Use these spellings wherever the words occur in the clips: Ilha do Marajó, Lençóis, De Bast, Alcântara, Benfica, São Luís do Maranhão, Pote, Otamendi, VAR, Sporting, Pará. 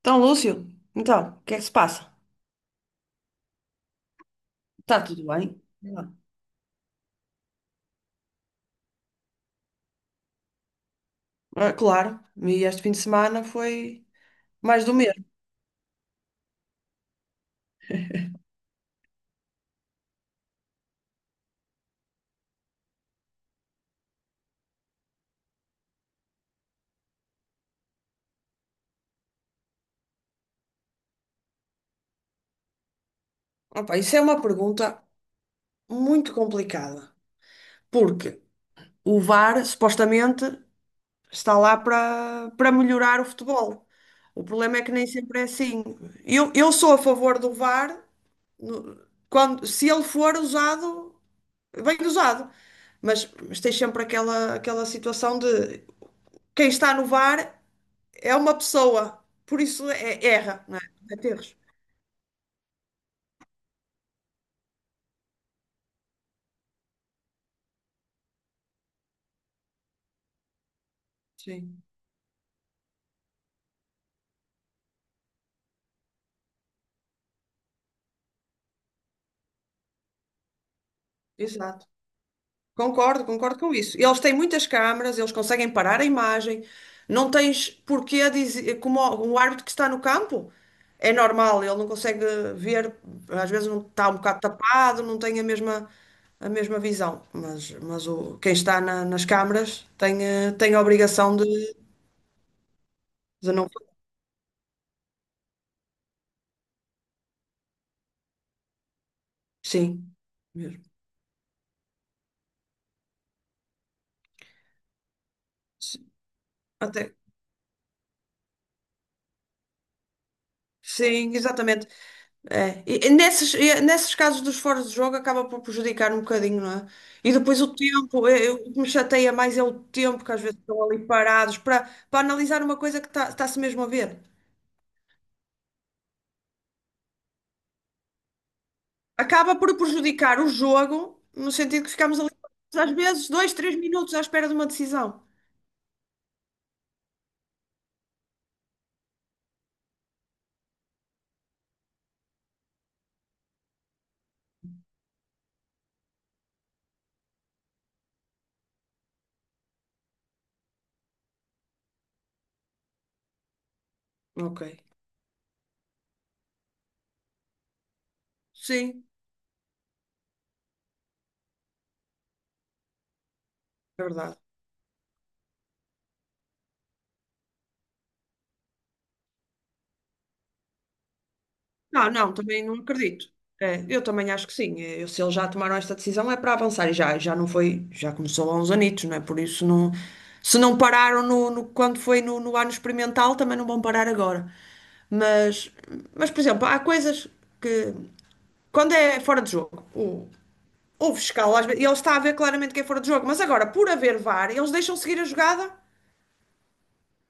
Então, Lúcio, então, o que é que se passa? Está tudo bem? Ah, claro, e este fim de semana foi mais do mesmo. Opa, isso é uma pergunta muito complicada, porque o VAR supostamente está lá para melhorar o futebol. O problema é que nem sempre é assim. Eu sou a favor do VAR no- quando, se ele for usado, bem usado, mas tem sempre aquela situação de quem está no VAR. É uma pessoa, por isso é, erra, não é? Comete erros. Sim. Exato. Concordo com isso. Eles têm muitas câmaras, eles conseguem parar a imagem, não tens porquê dizer, como o um árbitro que está no campo, é normal, ele não consegue ver, às vezes não está um bocado tapado, não tem a mesma visão, mas quem está nas câmaras tem, tem a obrigação de não. Sim, mesmo. Sim, até. Sim, exatamente. É. E nesses casos dos fora de jogo acaba por prejudicar um bocadinho, não é? E depois o tempo, o que me chateia mais é o tempo que às vezes estão ali parados para analisar uma coisa que está, está-se mesmo a ver. Acaba por prejudicar o jogo, no sentido que ficamos ali às vezes dois, três minutos à espera de uma decisão. Ok. Sim, é verdade. Não, não, também não acredito. É, eu também acho que sim. É, eu, se eles já tomaram esta decisão é para avançar e já, já não foi, já começou há uns anitos, não é? Por isso não, se não pararam quando foi no ano experimental, também não vão parar agora. Mas, por exemplo, há coisas que quando é fora de jogo, o fiscal, às vezes, ele está a ver claramente que é fora de jogo, mas agora, por haver VAR, eles deixam seguir a jogada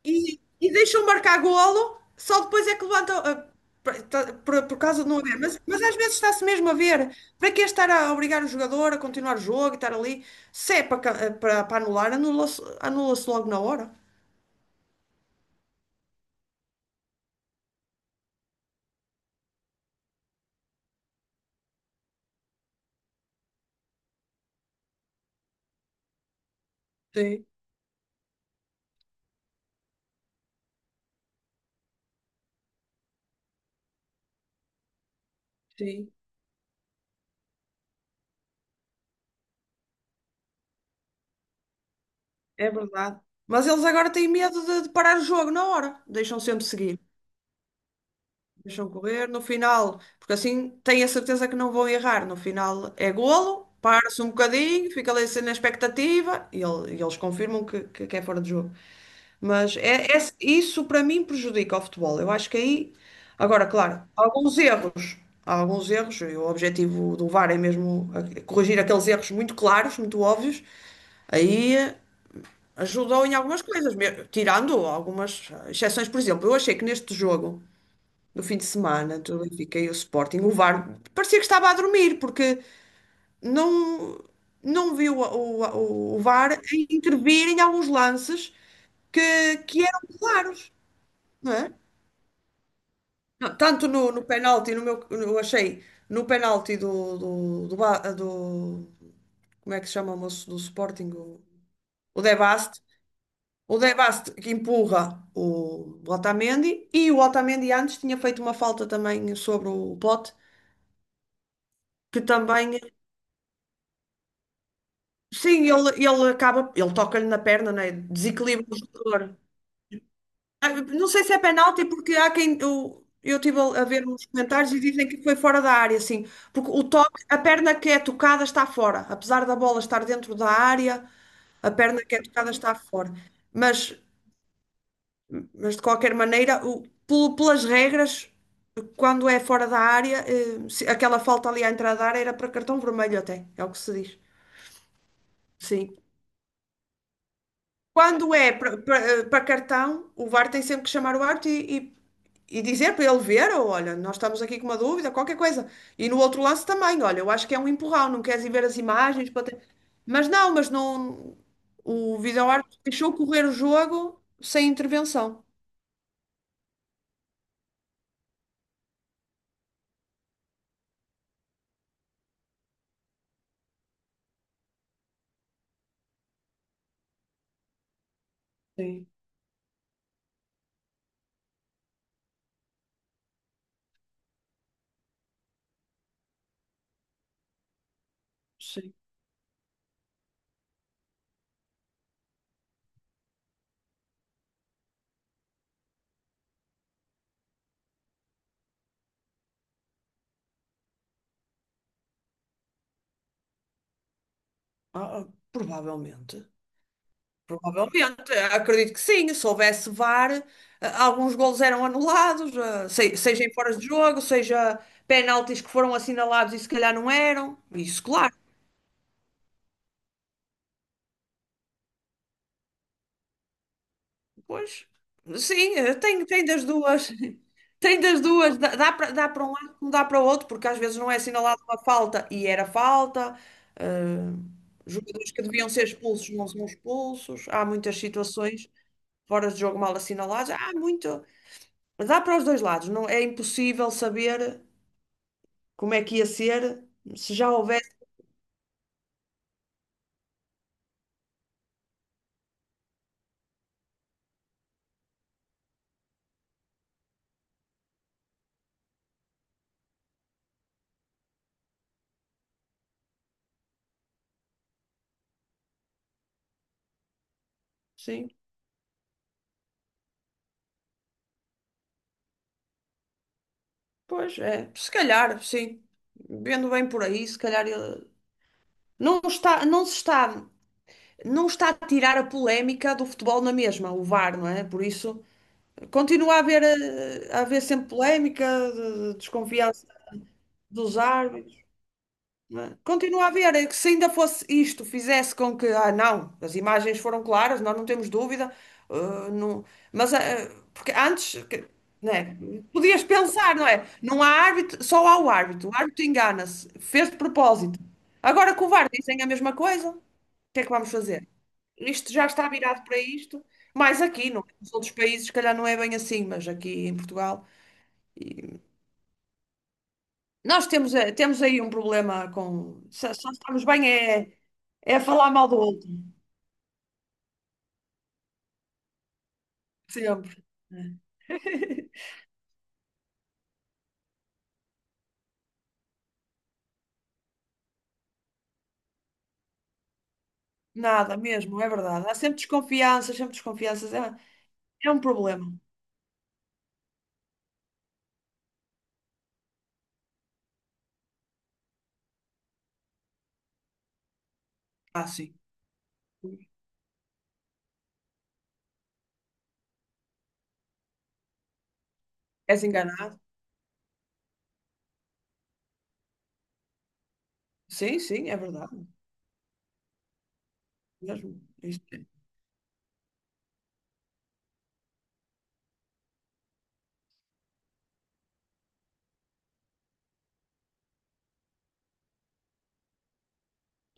e deixam marcar golo, só depois é que levantam. Por causa de não haver. Mas às vezes está-se mesmo a ver. Para que é estar a obrigar o jogador a continuar o jogo e estar ali? Se é para, ca- ah, para, para anular, anula-se logo na hora. Sim, sim, é verdade. Mas eles agora têm medo de parar o jogo na hora. Deixam sempre seguir. Deixam correr no final, porque assim têm a certeza que não vão errar. No final é golo, para-se um bocadinho, fica ali assim na expectativa e, eles confirmam que é fora de jogo. Mas isso para mim prejudica o futebol. Eu acho que aí, agora, claro, há alguns erros, e o objetivo do VAR é mesmo corrigir aqueles erros muito claros, muito óbvios, aí ajudou em algumas coisas, tirando algumas exceções. Por exemplo, eu achei que neste jogo. No fim de semana, do Benfica e o Sporting, o VAR parecia que estava a dormir, porque não, não viu o VAR a intervir em alguns lances que eram claros, não é? Não, tanto no penalti, no meu, eu achei, no penalti do como é que se chama o moço do Sporting? O De Bast. O De Bast que empurra o Otamendi e o Otamendi antes tinha feito uma falta também sobre o Pote, que também. Sim, ele acaba, ele toca-lhe na perna, né? Desequilibra o jogador. Ah, não sei se é penalti, porque há quem. Eu eu estive a ver uns comentários e dizem que foi fora da área, sim porque o toque, a perna que é tocada está fora, apesar da bola estar dentro da área, a perna que é tocada está fora. Mas, mas de qualquer maneira, pelas regras, quando é fora da área, aquela falta ali à entrada da área era para cartão vermelho até, é o que se diz. Sim. Quando é para cartão, o VAR tem sempre que chamar o árbitro e dizer para ele ver, ou olha, nós estamos aqui com uma dúvida, qualquer coisa. E no outro lance também, olha, eu acho que é um empurrão, não queres ir ver as imagens para mas não, mas não. O vídeo-árbitro deixou correr o jogo sem intervenção. Sim, sim. Provavelmente. Provavelmente, é, acredito que sim. Se houvesse VAR, alguns golos eram anulados, seja em fora de jogo, seja penaltis que foram assinalados e se calhar não eram. Isso, claro. Pois, sim, tem das duas. Tem das duas. Dá, dá para dá para um lado como dá para o outro, porque às vezes não é assinalada uma falta e era falta. eh, Jogadores que deviam ser expulsos não são expulsos. Há muitas situações fora de jogo mal assinaladas. Há muito. Dá para os dois lados, não é impossível saber como é que ia ser, se já houvesse, sim. Pois é, se calhar, sim. Vendo bem por aí, se calhar não está, não se está, não está a tirar a polémica do futebol na mesma, o VAR, não é? Por isso, continua a haver, a haver sempre polémica, de desconfiança dos árbitros. Né? Continua a ver, é que se ainda fosse isto, fizesse com que, ah, não, as imagens foram claras, nós não temos dúvida, ah, não, mas ah, porque antes, né, podias pensar, não é? Não há árbitro, só há o árbitro engana-se, fez de propósito. Agora com o VAR dizem a mesma coisa, o que é que vamos fazer? Isto já está virado para isto, mas aqui, não é? Nos outros países, se calhar não é bem assim, mas aqui em Portugal. Nós temos, temos aí um problema com. Só estamos bem é, é a falar mal do outro. Sempre. Nada mesmo, é verdade. Há sempre desconfianças, sempre desconfianças. É, é um problema. Ah, sim. És enganado? Sim, sim, é verdade. Mesmo. Isso é.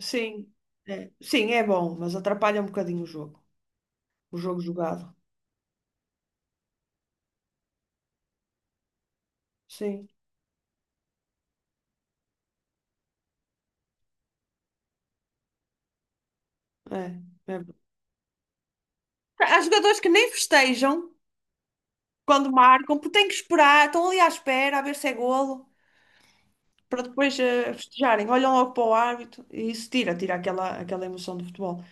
Sim, é. Sim, é bom, mas atrapalha um bocadinho o jogo. O jogo jogado. Sim, é. É. Há jogadores que nem festejam quando marcam, porque têm que esperar, estão ali à espera a ver se é golo. Para depois festejarem. Olham logo para o árbitro e isso tira, tira aquela, aquela emoção do futebol.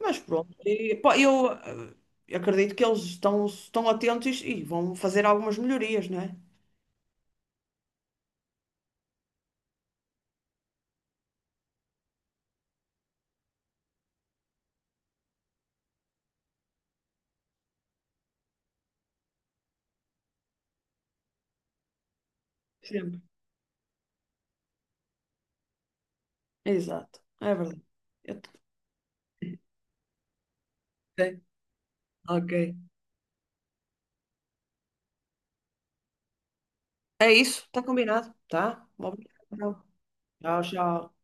Mas pronto, e, pá, eu acredito que eles estão, estão atentos e, vão fazer algumas melhorias, não é? Sempre. Exato, é verdade. Eu t- Ok. Ok. É isso, está combinado, tá? Obrigado. Tchau, tchau.